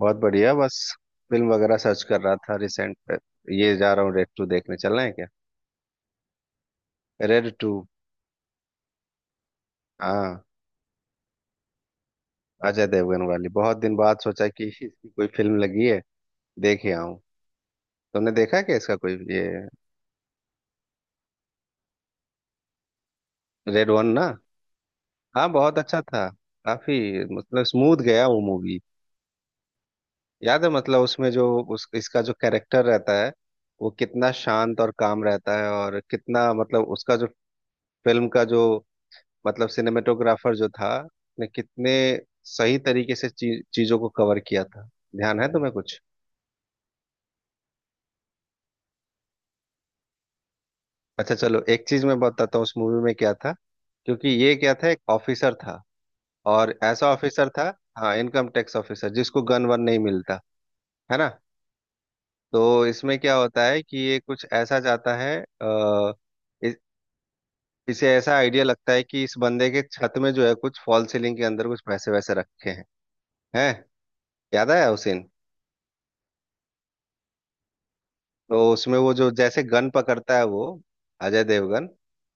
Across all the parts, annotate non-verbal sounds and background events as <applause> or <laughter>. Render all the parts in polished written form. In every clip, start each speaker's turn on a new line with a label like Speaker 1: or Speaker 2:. Speaker 1: बहुत बढ़िया। बस फिल्म वगैरह सर्च कर रहा था रिसेंट पे। ये जा रहा हूँ रेड टू देखने, चलना है क्या? Red to. हाँ, अजय देवगन वाली, बहुत दिन बाद सोचा कि <laughs> इसकी कोई फिल्म लगी है, देख ही आऊं। तुमने देखा क्या इसका कोई ये? रेड वन ना। हाँ, बहुत अच्छा था। काफी मतलब स्मूथ गया वो मूवी। याद है मतलब उसमें जो उस इसका जो कैरेक्टर रहता है, वो कितना शांत और काम रहता है, और कितना मतलब उसका जो फिल्म का जो मतलब सिनेमेटोग्राफर जो था, ने कितने सही तरीके से चीजों को कवर किया था। ध्यान है तुम्हें कुछ? अच्छा, चलो एक चीज मैं बताता हूँ उस मूवी में क्या था। क्योंकि ये क्या था, एक ऑफिसर था, और ऐसा ऑफिसर था, हाँ, इनकम टैक्स ऑफिसर जिसको गन वन नहीं मिलता है ना। तो इसमें क्या होता है कि ये कुछ ऐसा जाता है, आ, इस, इसे ऐसा आइडिया लगता है कि इस बंदे के छत में जो है कुछ फॉल सीलिंग के अंदर कुछ पैसे वैसे रखे हैं, हैं। याद आया उसे। तो उसमें वो जो जैसे गन पकड़ता है वो, अजय देवगन,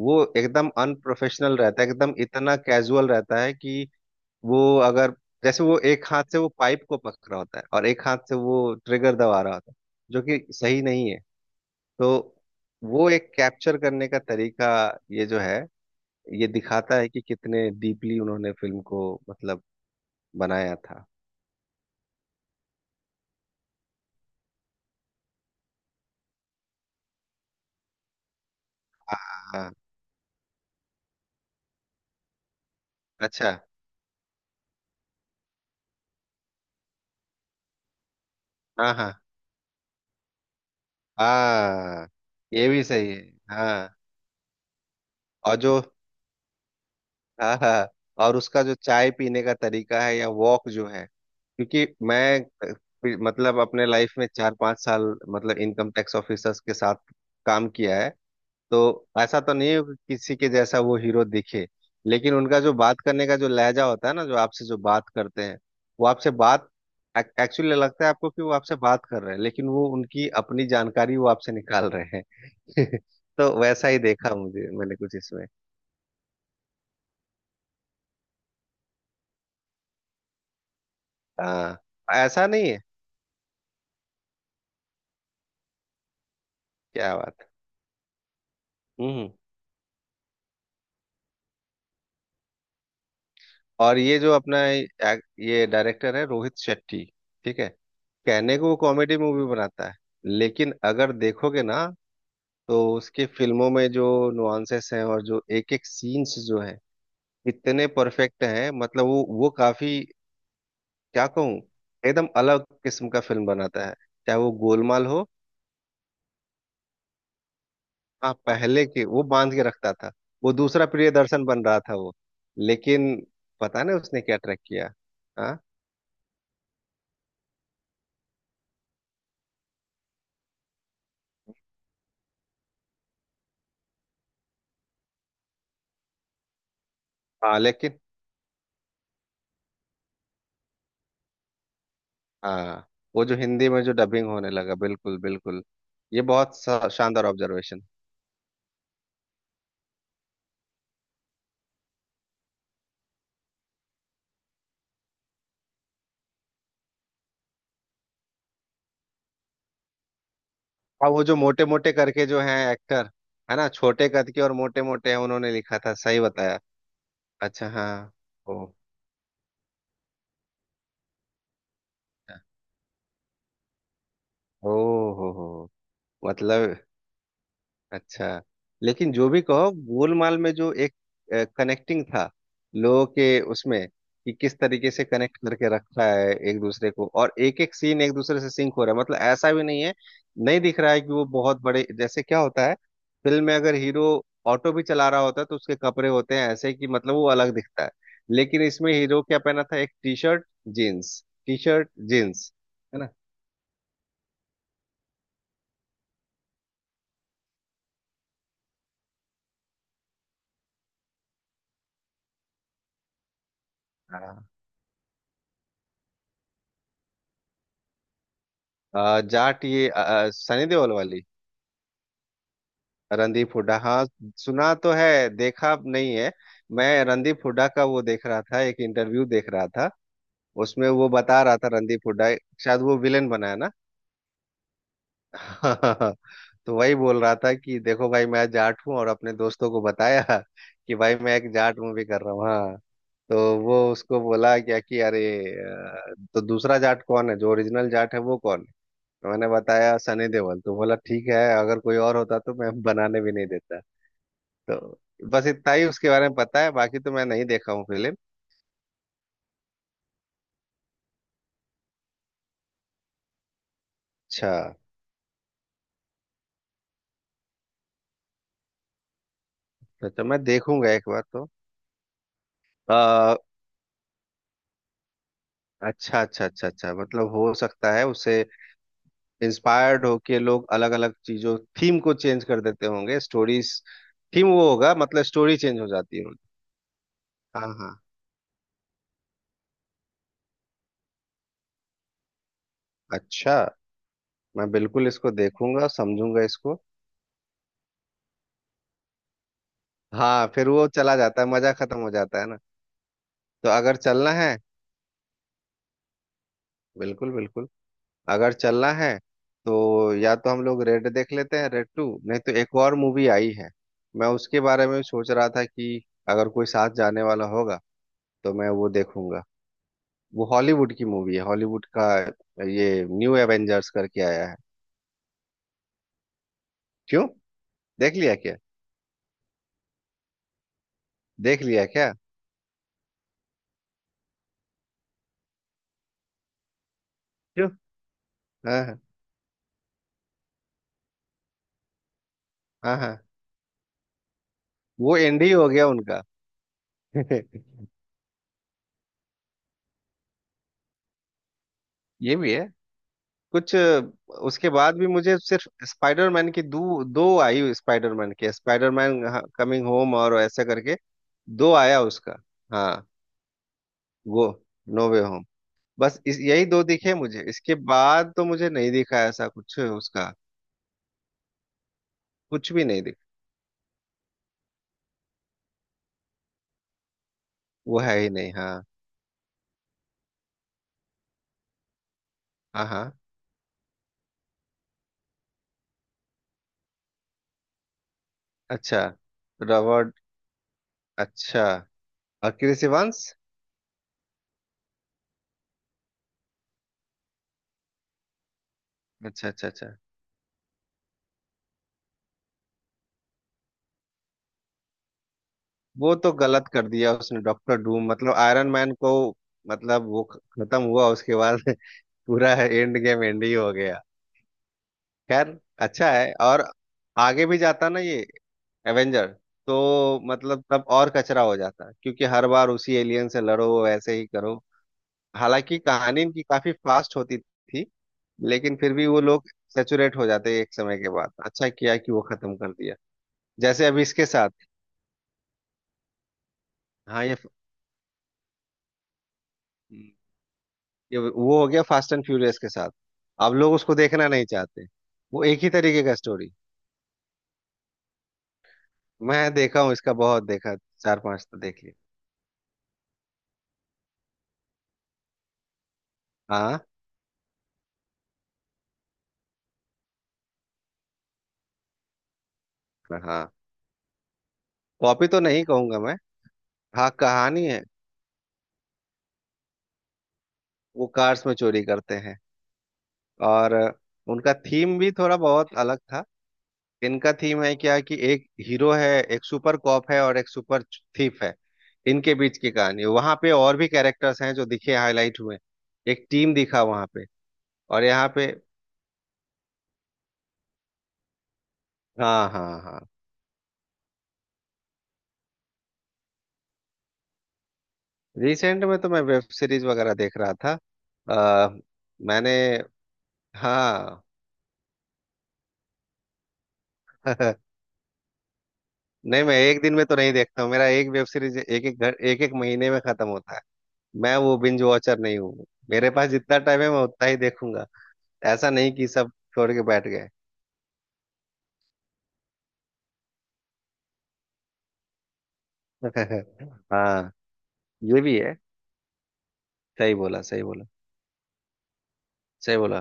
Speaker 1: वो एकदम अनप्रोफेशनल रहता है, एकदम इतना कैजुअल रहता है कि वो, अगर जैसे, वो एक हाथ से वो पाइप को पकड़ रहा होता है और एक हाथ से वो ट्रिगर दबा रहा होता है, जो कि सही नहीं है। तो वो एक कैप्चर करने का तरीका, ये जो है, ये दिखाता है कि कितने डीपली उन्होंने फिल्म को मतलब बनाया था। हाँ। अच्छा। हाँ हाँ हाँ, ये भी सही है। हाँ और जो, हाँ हाँ, और उसका जो चाय पीने का तरीका है या वॉक जो है, क्योंकि मैं मतलब अपने लाइफ में 4-5 साल मतलब इनकम टैक्स ऑफिसर्स के साथ काम किया है। तो ऐसा तो नहीं है कि किसी के जैसा वो हीरो दिखे, लेकिन उनका जो बात करने का जो लहजा होता है ना, जो आपसे जो बात करते हैं, वो आपसे बात, एक्चुअली लगता है आपको कि वो आपसे बात कर रहे हैं, लेकिन वो उनकी अपनी जानकारी वो आपसे निकाल रहे हैं। <laughs> तो वैसा ही देखा मुझे मैंने कुछ इसमें। हाँ, ऐसा नहीं है। क्या बात। हम्म। और ये जो अपना ये डायरेक्टर है, रोहित शेट्टी। ठीक है, कहने को वो कॉमेडी मूवी बनाता है, लेकिन अगर देखोगे ना, तो उसकी फिल्मों में जो नुआंसेस हैं और जो एक एक सीन्स जो हैं, इतने परफेक्ट हैं, मतलब वो काफी, क्या कहूँ, एकदम अलग किस्म का फिल्म बनाता है। चाहे वो गोलमाल हो। हाँ, पहले के वो बांध के रखता था। वो दूसरा प्रियदर्शन बन रहा था वो। लेकिन पता नहीं उसने क्या ट्रैक किया। हाँ हाँ, लेकिन। हाँ, वो जो हिंदी में जो डबिंग होने लगा, बिल्कुल बिल्कुल। शानदार ऑब्जर्वेशन। अब वो जो मोटे मोटे करके जो हैं एक्टर, है ना, छोटे कद के और मोटे मोटे हैं, उन्होंने लिखा था, सही बताया। अच्छा हाँ। ओ। ओ हो हो। मतलब, अच्छा। लेकिन जो भी कहो, गोलमाल में जो एक कनेक्टिंग था लोगों के उसमें, कि किस तरीके से कनेक्ट करके रखा है एक दूसरे को, और एक एक सीन एक दूसरे से सिंक हो रहा है, मतलब ऐसा भी नहीं है, नहीं दिख रहा है कि वो बहुत बड़े, जैसे क्या होता है, फिल्म में अगर हीरो ऑटो भी चला रहा होता है, तो उसके कपड़े होते हैं ऐसे कि मतलब वो अलग दिखता है। लेकिन इसमें हीरो क्या पहना था, एक T shirt jeans, T shirt jeans. है ना। हाँ। जाट, सनी देओल वाली। रणदीप हुड्डा, हाँ, सुना तो है, देखा नहीं है। मैं रणदीप हुड्डा का वो देख रहा था, एक इंटरव्यू देख रहा था, उसमें वो बता रहा था, रणदीप हुड्डा, शायद वो विलेन बना है ना। <laughs> तो वही बोल रहा था कि देखो भाई मैं जाट हूँ, और अपने दोस्तों को बताया कि भाई मैं एक जाट मूवी कर रहा हूँ, हाँ। तो वो उसको बोला क्या कि अरे, तो दूसरा जाट कौन है, जो ओरिजिनल जाट है वो कौन है। तो मैंने बताया सनी देओल, तो बोला ठीक है, अगर कोई और होता तो मैं बनाने भी नहीं देता। तो बस इतना ही उसके बारे में पता है, बाकी तो मैं नहीं देखा हूँ फिल्म। अच्छा, तो मैं देखूंगा एक बार तो। आ, अच्छा अच्छा अच्छा अच्छा, मतलब हो सकता है उससे इंस्पायर्ड होके लोग अलग अलग चीजों थीम को चेंज कर देते होंगे स्टोरीज, थीम वो होगा मतलब स्टोरी चेंज हो जाती होगी। हाँ हाँ, अच्छा। मैं बिल्कुल इसको देखूंगा, समझूंगा इसको। हाँ, फिर वो चला जाता है, मजा खत्म हो जाता है ना। तो अगर चलना है, बिल्कुल बिल्कुल, अगर चलना है तो या तो हम लोग रेड देख लेते हैं, रेड टू, नहीं तो एक और मूवी आई है, मैं उसके बारे में सोच रहा था कि अगर कोई साथ जाने वाला होगा तो मैं वो देखूंगा। वो हॉलीवुड की मूवी है, हॉलीवुड का, ये न्यू एवेंजर्स करके आया है। क्यों? देख लिया क्या? देख लिया क्या? क्यों? हाँ हाँ। हाँ हाँ। वो एंड ही हो गया उनका। <laughs> ये भी है। कुछ, उसके बाद भी मुझे सिर्फ स्पाइडरमैन की दो दो आई, स्पाइडरमैन के, स्पाइडरमैन कमिंग होम और ऐसा करके दो आया उसका। हाँ वो नो वे होम। बस इस यही दो दिखे मुझे, इसके बाद तो मुझे नहीं दिखा ऐसा कुछ उसका, कुछ भी नहीं दिखा। वो है ही नहीं, हाँ। हाँ हाँ, अच्छा। रॉबर्ट, अच्छा। और क्रिस इवांस? अच्छा अच्छा अच्छा। वो तो गलत कर दिया उसने, डॉक्टर डूम मतलब आयरन मैन को, मतलब वो खत्म हुआ उसके बाद। <laughs> पूरा एंड गेम एंड ही हो गया। खैर अच्छा है, और आगे भी जाता ना ये एवेंजर, तो मतलब तब और कचरा हो जाता, क्योंकि हर बार उसी एलियन से लड़ो, ऐसे ही करो। हालांकि कहानी इनकी काफी फास्ट होती थी, लेकिन फिर भी वो लोग सेचुरेट हो जाते एक समय के बाद। अच्छा किया कि वो खत्म कर दिया, जैसे अभी इसके साथ। हाँ ये वो हो गया फास्ट एंड फ्यूरियस के साथ, अब लोग उसको देखना नहीं चाहते। वो एक ही तरीके का स्टोरी, मैं देखा हूँ इसका बहुत, देखा 4 5 तो देख लिया। हाँ। हाँ, कॉपी तो नहीं कहूंगा मैं, हाँ कहानी है, वो कार्स में चोरी करते हैं, और उनका थीम भी थोड़ा बहुत अलग था। इनका थीम है क्या कि एक हीरो है, एक सुपर कॉप है और एक सुपर थीफ है, इनके बीच की कहानी, वहां पे और भी कैरेक्टर्स हैं जो दिखे, हाईलाइट हुए, एक टीम दिखा वहां पे, और यहाँ पे। हाँ हाँ हाँ। रिसेंट में तो मैं वेब सीरीज वगैरह देख रहा था। आ, मैंने, हाँ। <laughs> नहीं मैं एक दिन में तो नहीं देखता हूँ, मेरा एक वेब सीरीज एक एक घर, एक एक महीने में खत्म होता है। मैं वो बिंज वॉचर नहीं हूँ, मेरे पास जितना टाइम है मैं उतना ही देखूंगा। ऐसा नहीं कि सब छोड़ के बैठ गए। <laughs> हाँ, ये भी है। सही बोला, सही बोला, सही बोला।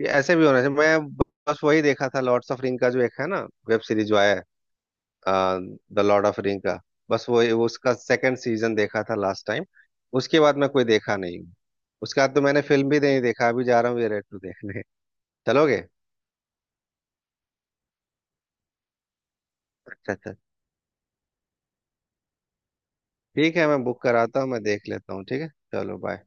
Speaker 1: ये ऐसे भी होना चाहिए। मैं बस वही देखा था, लॉर्ड्स ऑफ रिंग का जो एक है ना, वेब सीरीज जो आया है, द लॉर्ड ऑफ रिंग का। बस वो उसका सेकंड सीजन देखा था लास्ट टाइम, उसके बाद मैं कोई देखा नहीं हूँ। उसके बाद तो मैंने फिल्म भी नहीं देखा, अभी जा रहा हूँ ये रेड टू देखने। चलोगे? अच्छा अच्छा। ठीक है, मैं बुक कराता हूँ, मैं देख लेता हूँ, ठीक है। चलो बाय।